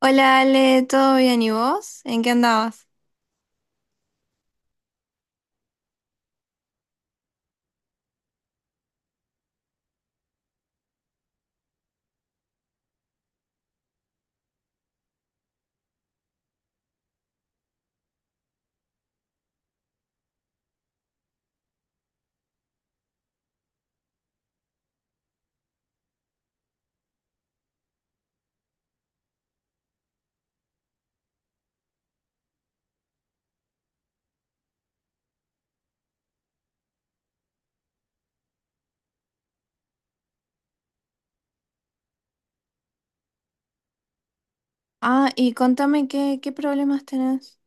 Hola Ale, ¿todo bien y vos? ¿En qué andabas? Ah, y contame qué problemas tenés.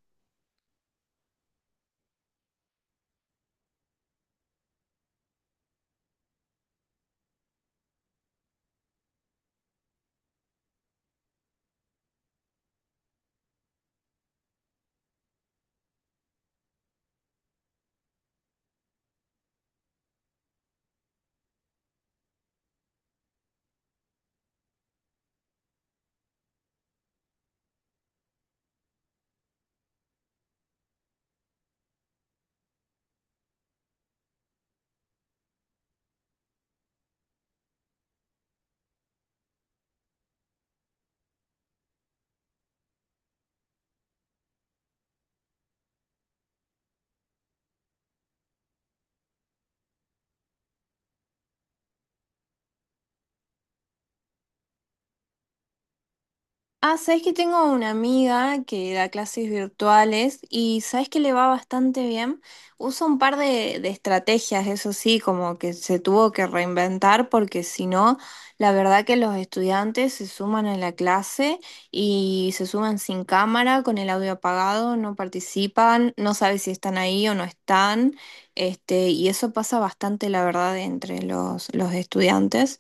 Ah, sabes que tengo una amiga que da clases virtuales y sabes que le va bastante bien. Usa un par de estrategias, eso sí, como que se tuvo que reinventar porque si no, la verdad que los estudiantes se suman a la clase y se suman sin cámara, con el audio apagado, no participan, no sabe si están ahí o no están. Y eso pasa bastante, la verdad, entre los estudiantes.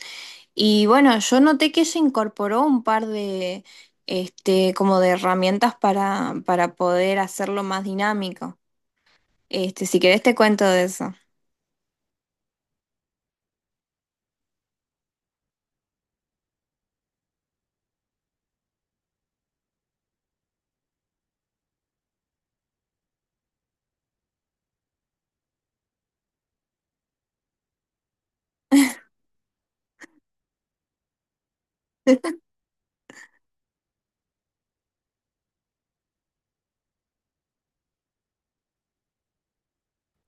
Y bueno, yo noté que se incorporó un par de, como de herramientas para poder hacerlo más dinámico. Este, si querés te cuento de eso.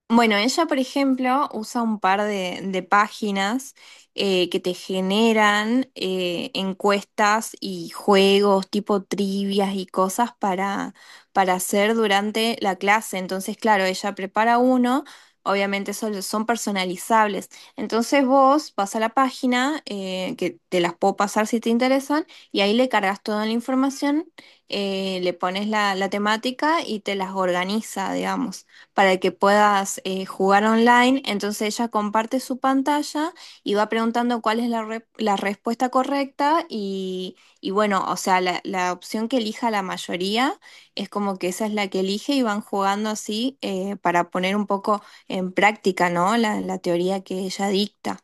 Bueno, ella, por ejemplo, usa un par de páginas que te generan encuestas y juegos tipo trivias y cosas para hacer durante la clase. Entonces, claro, ella prepara uno, obviamente son personalizables. Entonces vos vas a la página, que te las puedo pasar si te interesan, y ahí le cargas toda la información, le pones la temática y te las organiza, digamos, para que puedas jugar online. Entonces ella comparte su pantalla y va preguntando cuál es la respuesta correcta y bueno, o sea, la opción que elija la mayoría es como que esa es la que elige y van jugando así, para poner un poco en práctica, ¿no? La teoría que ella dicta.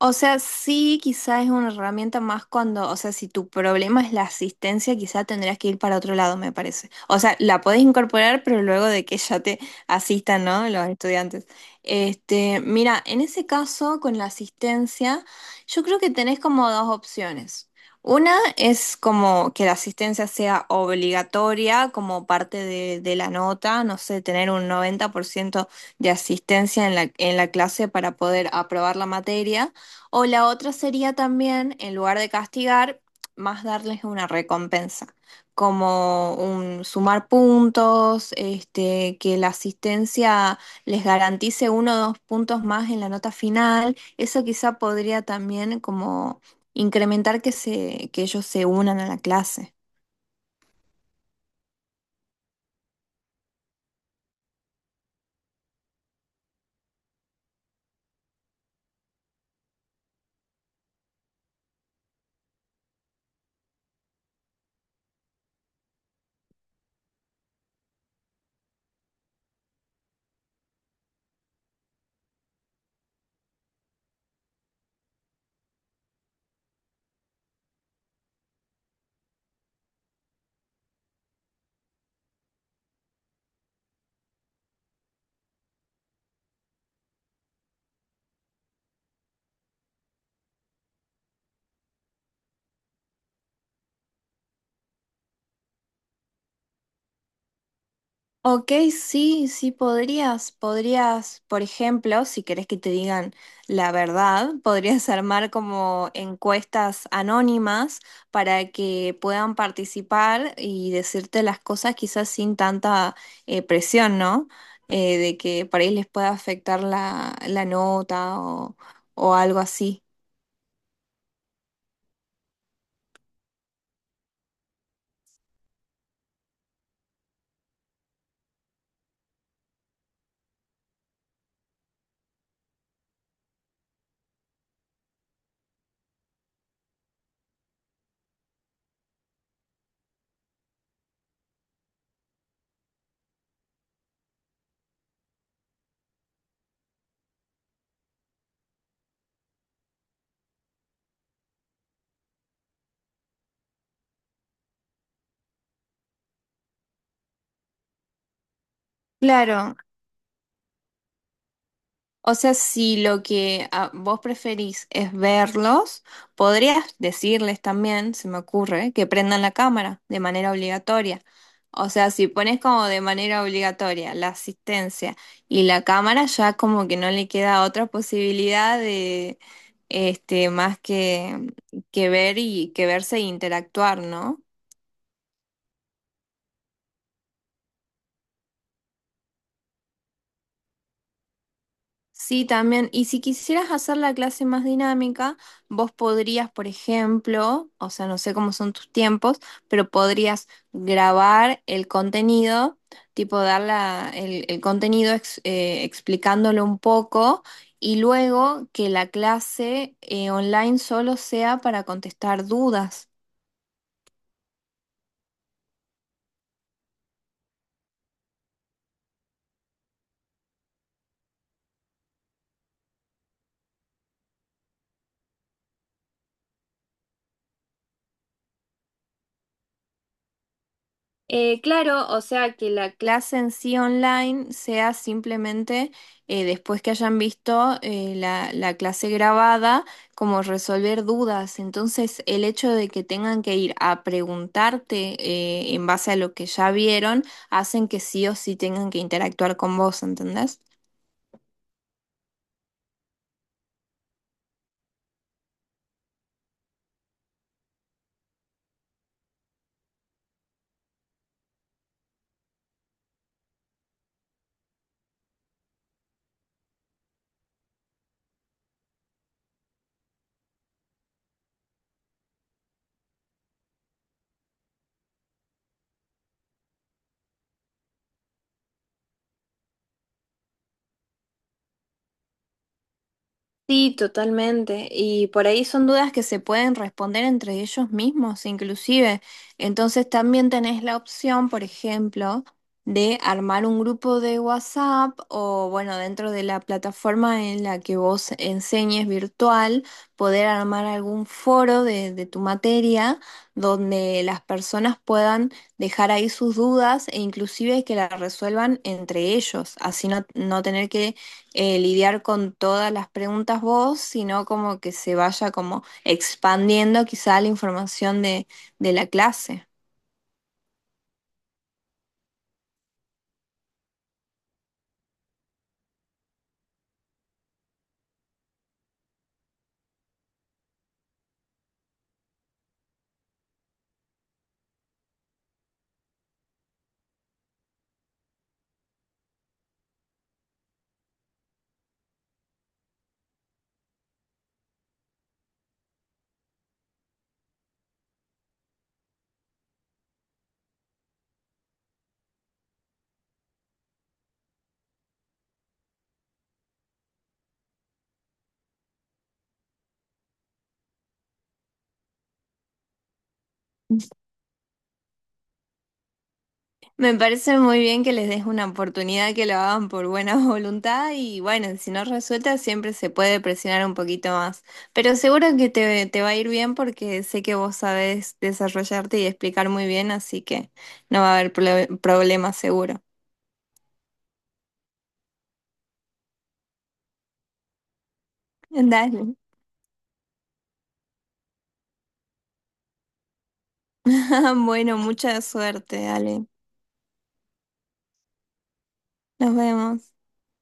O sea, sí, quizá es una herramienta más cuando, o sea, si tu problema es la asistencia, quizá tendrías que ir para otro lado, me parece. O sea, la podés incorporar, pero luego de que ya te asistan, ¿no? Los estudiantes. Este, mira, en ese caso, con la asistencia, yo creo que tenés como dos opciones. Una es como que la asistencia sea obligatoria como parte de la nota, no sé, tener un 90% de asistencia en en la clase para poder aprobar la materia. O la otra sería también, en lugar de castigar, más darles una recompensa, como un sumar puntos, este, que la asistencia les garantice uno o dos puntos más en la nota final. Eso quizá podría también como incrementar que ellos se unan a la clase. Ok, sí, sí podrías, podrías, por ejemplo, si querés que te digan la verdad, podrías armar como encuestas anónimas para que puedan participar y decirte las cosas quizás sin tanta presión, ¿no? De que por ahí les pueda afectar la nota o algo así. Claro. O sea, si lo que vos preferís es verlos, podrías decirles también, se me ocurre, que prendan la cámara de manera obligatoria. O sea, si pones como de manera obligatoria la asistencia y la cámara, ya como que no le queda otra posibilidad de, más que ver y que verse e interactuar, ¿no? Sí, también. Y si quisieras hacer la clase más dinámica, vos podrías, por ejemplo, o sea, no sé cómo son tus tiempos, pero podrías grabar el contenido, tipo dar el contenido explicándolo un poco y luego que la clase online solo sea para contestar dudas. Claro, o sea que la clase en sí online sea simplemente, después que hayan visto, la, la clase grabada, como resolver dudas. Entonces, el hecho de que tengan que ir a preguntarte en base a lo que ya vieron, hacen que sí o sí tengan que interactuar con vos, ¿entendés? Sí, totalmente. Y por ahí son dudas que se pueden responder entre ellos mismos, inclusive. Entonces también tenés la opción, por ejemplo, de armar un grupo de WhatsApp o, bueno, dentro de la plataforma en la que vos enseñes virtual, poder armar algún foro de tu materia donde las personas puedan dejar ahí sus dudas e inclusive que las resuelvan entre ellos, así no tener que lidiar con todas las preguntas vos, sino como que se vaya como expandiendo quizá la información de la clase. Me parece muy bien que les des una oportunidad que lo hagan por buena voluntad y bueno, si no resulta siempre se puede presionar un poquito más, pero seguro que te va a ir bien porque sé que vos sabés desarrollarte y explicar muy bien, así que no va a haber problema seguro. Dale. Bueno, mucha suerte, dale. Nos vemos.